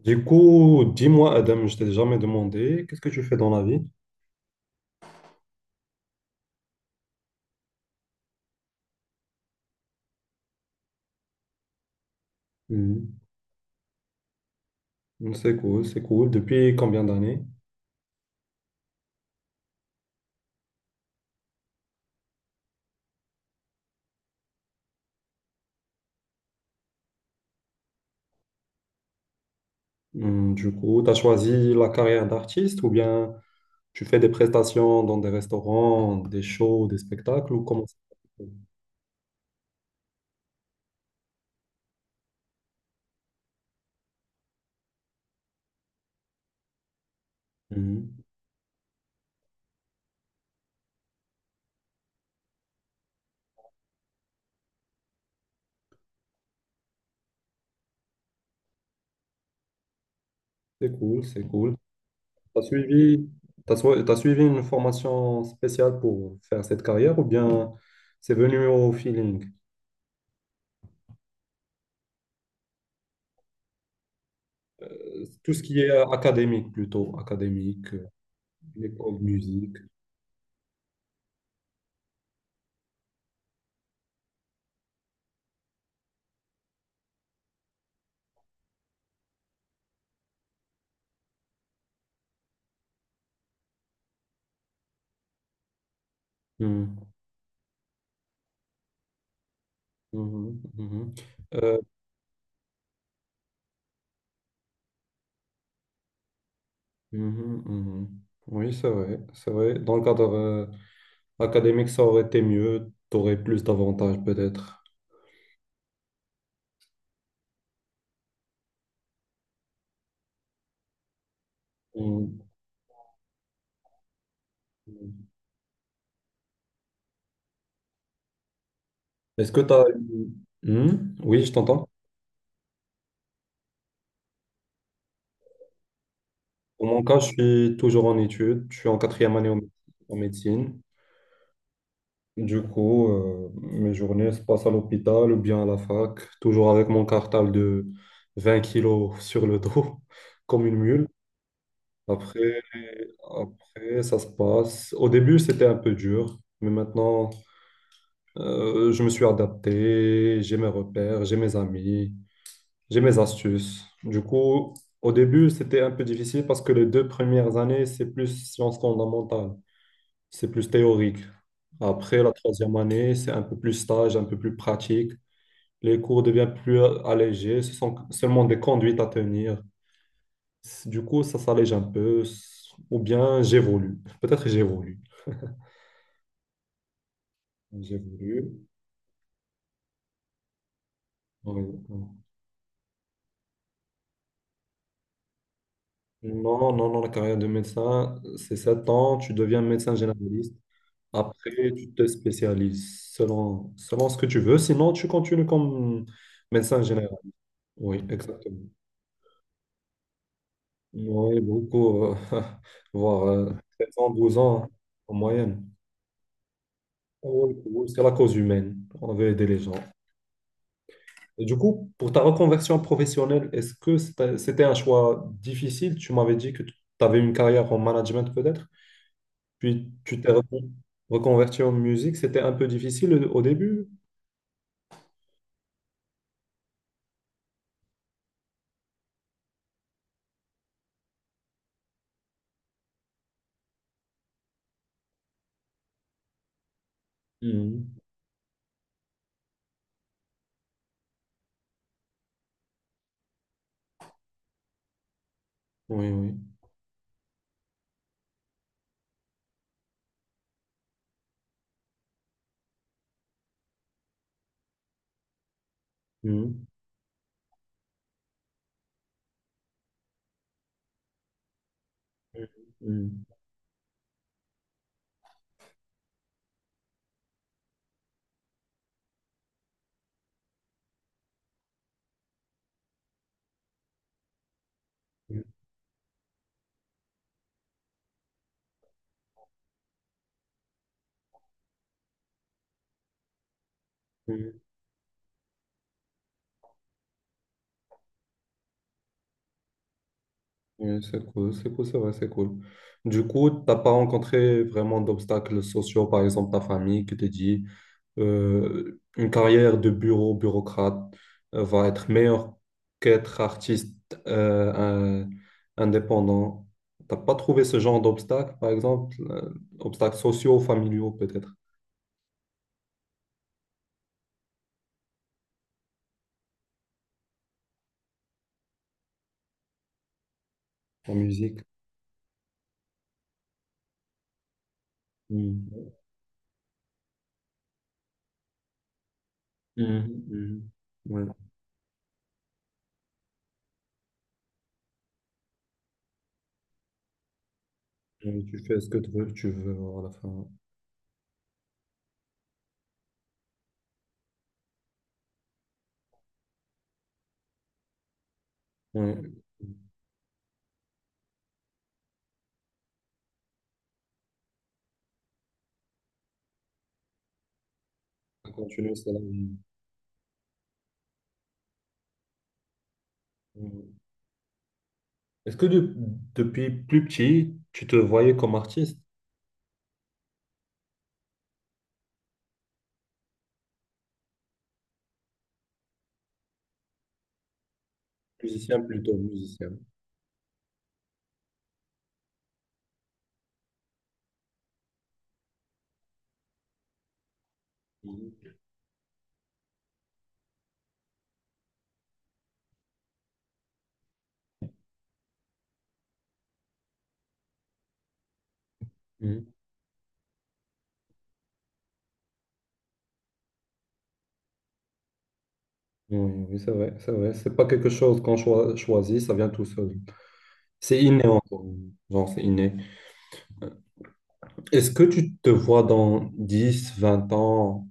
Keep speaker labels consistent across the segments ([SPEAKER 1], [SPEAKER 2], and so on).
[SPEAKER 1] Du coup, dis-moi, Adam, je t'ai jamais demandé, qu'est-ce que tu fais dans la vie? Mhm. C'est cool, c'est cool. Depuis combien d'années? Mhm, Du coup, tu as choisi la carrière d'artiste ou bien tu fais des prestations dans des restaurants, des shows, des spectacles ou comment ça se passe? Mhm. C'est cool, c'est cool. Tu as suivi, t'as suivi une formation spéciale pour faire cette carrière ou bien c'est venu au feeling? Tout ce qui est académique plutôt, académique, école, musique. Mhm, mhm. Euh, mhm, mhm. Oui, c'est vrai, c'est vrai. Dans le cadre académique, ça aurait été mieux, tu aurais plus d'avantages peut-être. Mhm. Est-ce que tu as... Oui, je t'entends. Pour mon cas, je suis toujours en études, je suis en quatrième année en médecine. Du coup, mes journées se passent à l'hôpital ou bien à la fac, toujours avec mon cartable de 20 kilos sur le dos, comme une mule. Après, Après, ça se passe. Au début, c'était un peu dur, mais maintenant, je me suis adapté, j'ai mes repères, j'ai mes amis, j'ai mes astuces. Du coup, au début, c'était un peu difficile parce que les deux premières années, c'est plus sciences fondamentales, c'est plus théorique. Après, la troisième année, c'est un peu plus stage, un peu plus pratique. Les cours deviennent plus allégés, ce sont seulement des conduites à tenir. Du coup, ça s'allège un peu, ou bien j'évolue. Peut-être j'évolue. J'ai voulu. Oui. Non, non, non, la carrière de médecin, c'est 7 ans, tu deviens médecin généraliste. Après, tu te spécialises selon ce que tu veux. Sinon, tu continues comme médecin général. Oui, exactement. Oui, beaucoup, voire 7 ans, 12 ans hein, en moyenne. Oui, oui, c'est la cause humaine. On veut aider les gens. Et du coup, pour ta reconversion professionnelle, est-ce que c'était un choix difficile? Tu m'avais dit que tu avais une carrière en management peut-être? Puis tu t'es reconverti en musique, c'était un peu difficile au début. Mhm. Oui, oui. Mhm. Mhm. Mhm. Mhm. Oui, c'est cool, c'est cool, c'est vrai, c'est cool. Du coup, t'as pas rencontré vraiment d'obstacles sociaux, par exemple ta famille qui te dit une carrière de bureau, bureaucrate va être meilleure qu'être artiste euh, un- indépendant. T'as pas trouvé ce genre d'obstacles, par exemple, obstacles sociaux, familiaux peut-être? En musique. Mhm. Mhm. Mhm. Ouais. Et tu fais ce que tu veux à la fin. Ouais. À continuer, c'est la vie. Ouais. Est-ce que depuis plus petit, tu te voyais comme artiste? Musicien plutôt, musicien. Mhm. Mhm. Oui, oui, c'est vrai, c'est vrai. C'est pas quelque chose qu'on choisit, ça vient tout seul. C'est inné encore. Genre, c'est inné. Est-ce que tu te vois dans 10, 20 ans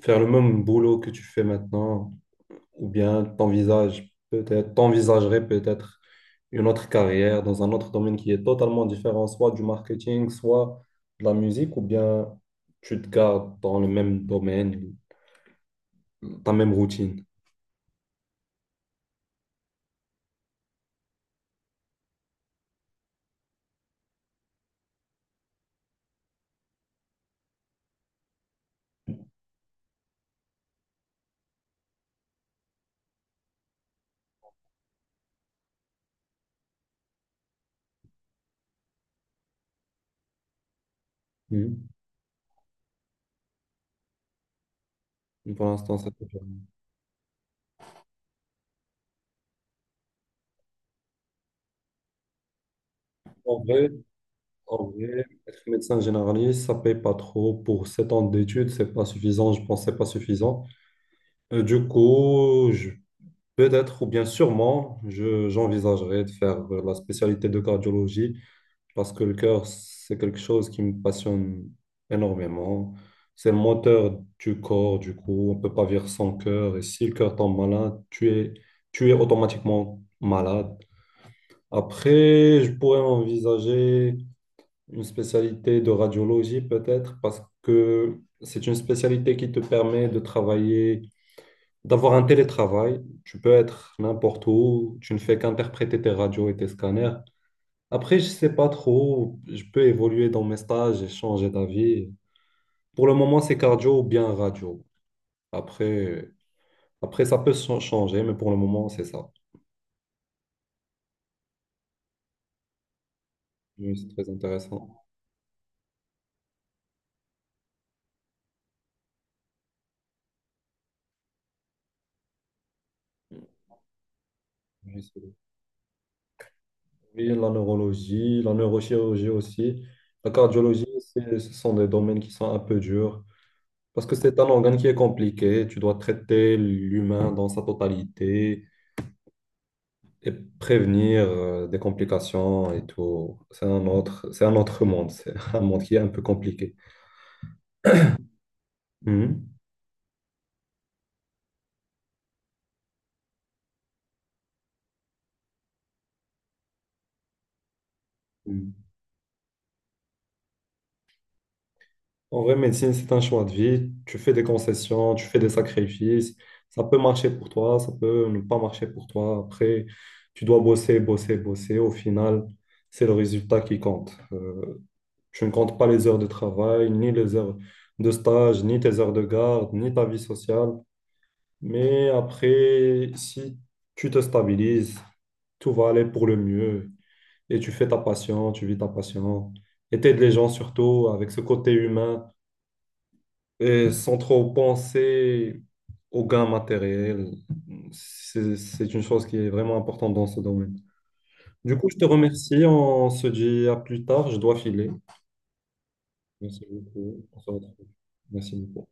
[SPEAKER 1] faire le même boulot que tu fais maintenant? Ou bien t'envisages peut-être, t'envisagerais peut-être une autre carrière dans un autre domaine qui est totalement différent, soit du marketing, soit de la musique, ou bien tu te gardes dans le même domaine, ta même routine. Mhm. Pour l'instant, ça te permet. En vrai, en vrai, être médecin généraliste, ça paye pas trop. Pour 7 ans d'études, c'est pas suffisant. Je pense que c'est pas suffisant. Du coup, peut-être ou bien sûrement, j'envisagerais de faire la spécialité de cardiologie parce que le cœur, c'est quelque chose qui me passionne énormément. C'est le moteur du corps, du coup, on ne peut pas vivre sans cœur. Et si le cœur tombe malade, tu es automatiquement malade. Après, je pourrais envisager une spécialité de radiologie peut-être, parce que c'est une spécialité qui te permet de travailler, d'avoir un télétravail. Tu peux être n'importe où, tu ne fais qu'interpréter tes radios et tes scanners. Après, je sais pas trop, je peux évoluer dans mes stages et changer d'avis. Pour le moment, c'est cardio ou bien radio. Après, ça peut changer, mais pour le moment, c'est ça. Oui, c'est très intéressant. Oui, oui, la neurologie, la neurochirurgie aussi. La cardiologie, ce sont des domaines qui sont un peu durs parce que c'est un organe qui est compliqué. Tu dois traiter l'humain dans sa totalité. Et prévenir des complications et tout. C'est un autre monde, c'est un monde qui est un peu compliqué. Mhm. Mhm. En vrai, médecine, c'est un choix de vie. Tu fais des concessions, tu fais des sacrifices. Ça peut marcher pour toi, ça peut ne pas marcher pour toi. Après, tu dois bosser, bosser, bosser. Au final, c'est le résultat qui compte. Tu ne comptes pas les heures de travail, ni les heures de stage, ni tes heures de garde, ni ta vie sociale. Mais après, si tu te stabilises, tout va aller pour le mieux. Et tu fais ta passion, tu vis ta passion. Et t'aides les gens surtout avec ce côté humain et sans trop penser aux gains matériels. C'est une chose qui est vraiment importante dans ce domaine. Du coup, je te remercie. On se dit à plus tard. Je dois filer. Merci beaucoup. On se retrouve. Merci beaucoup.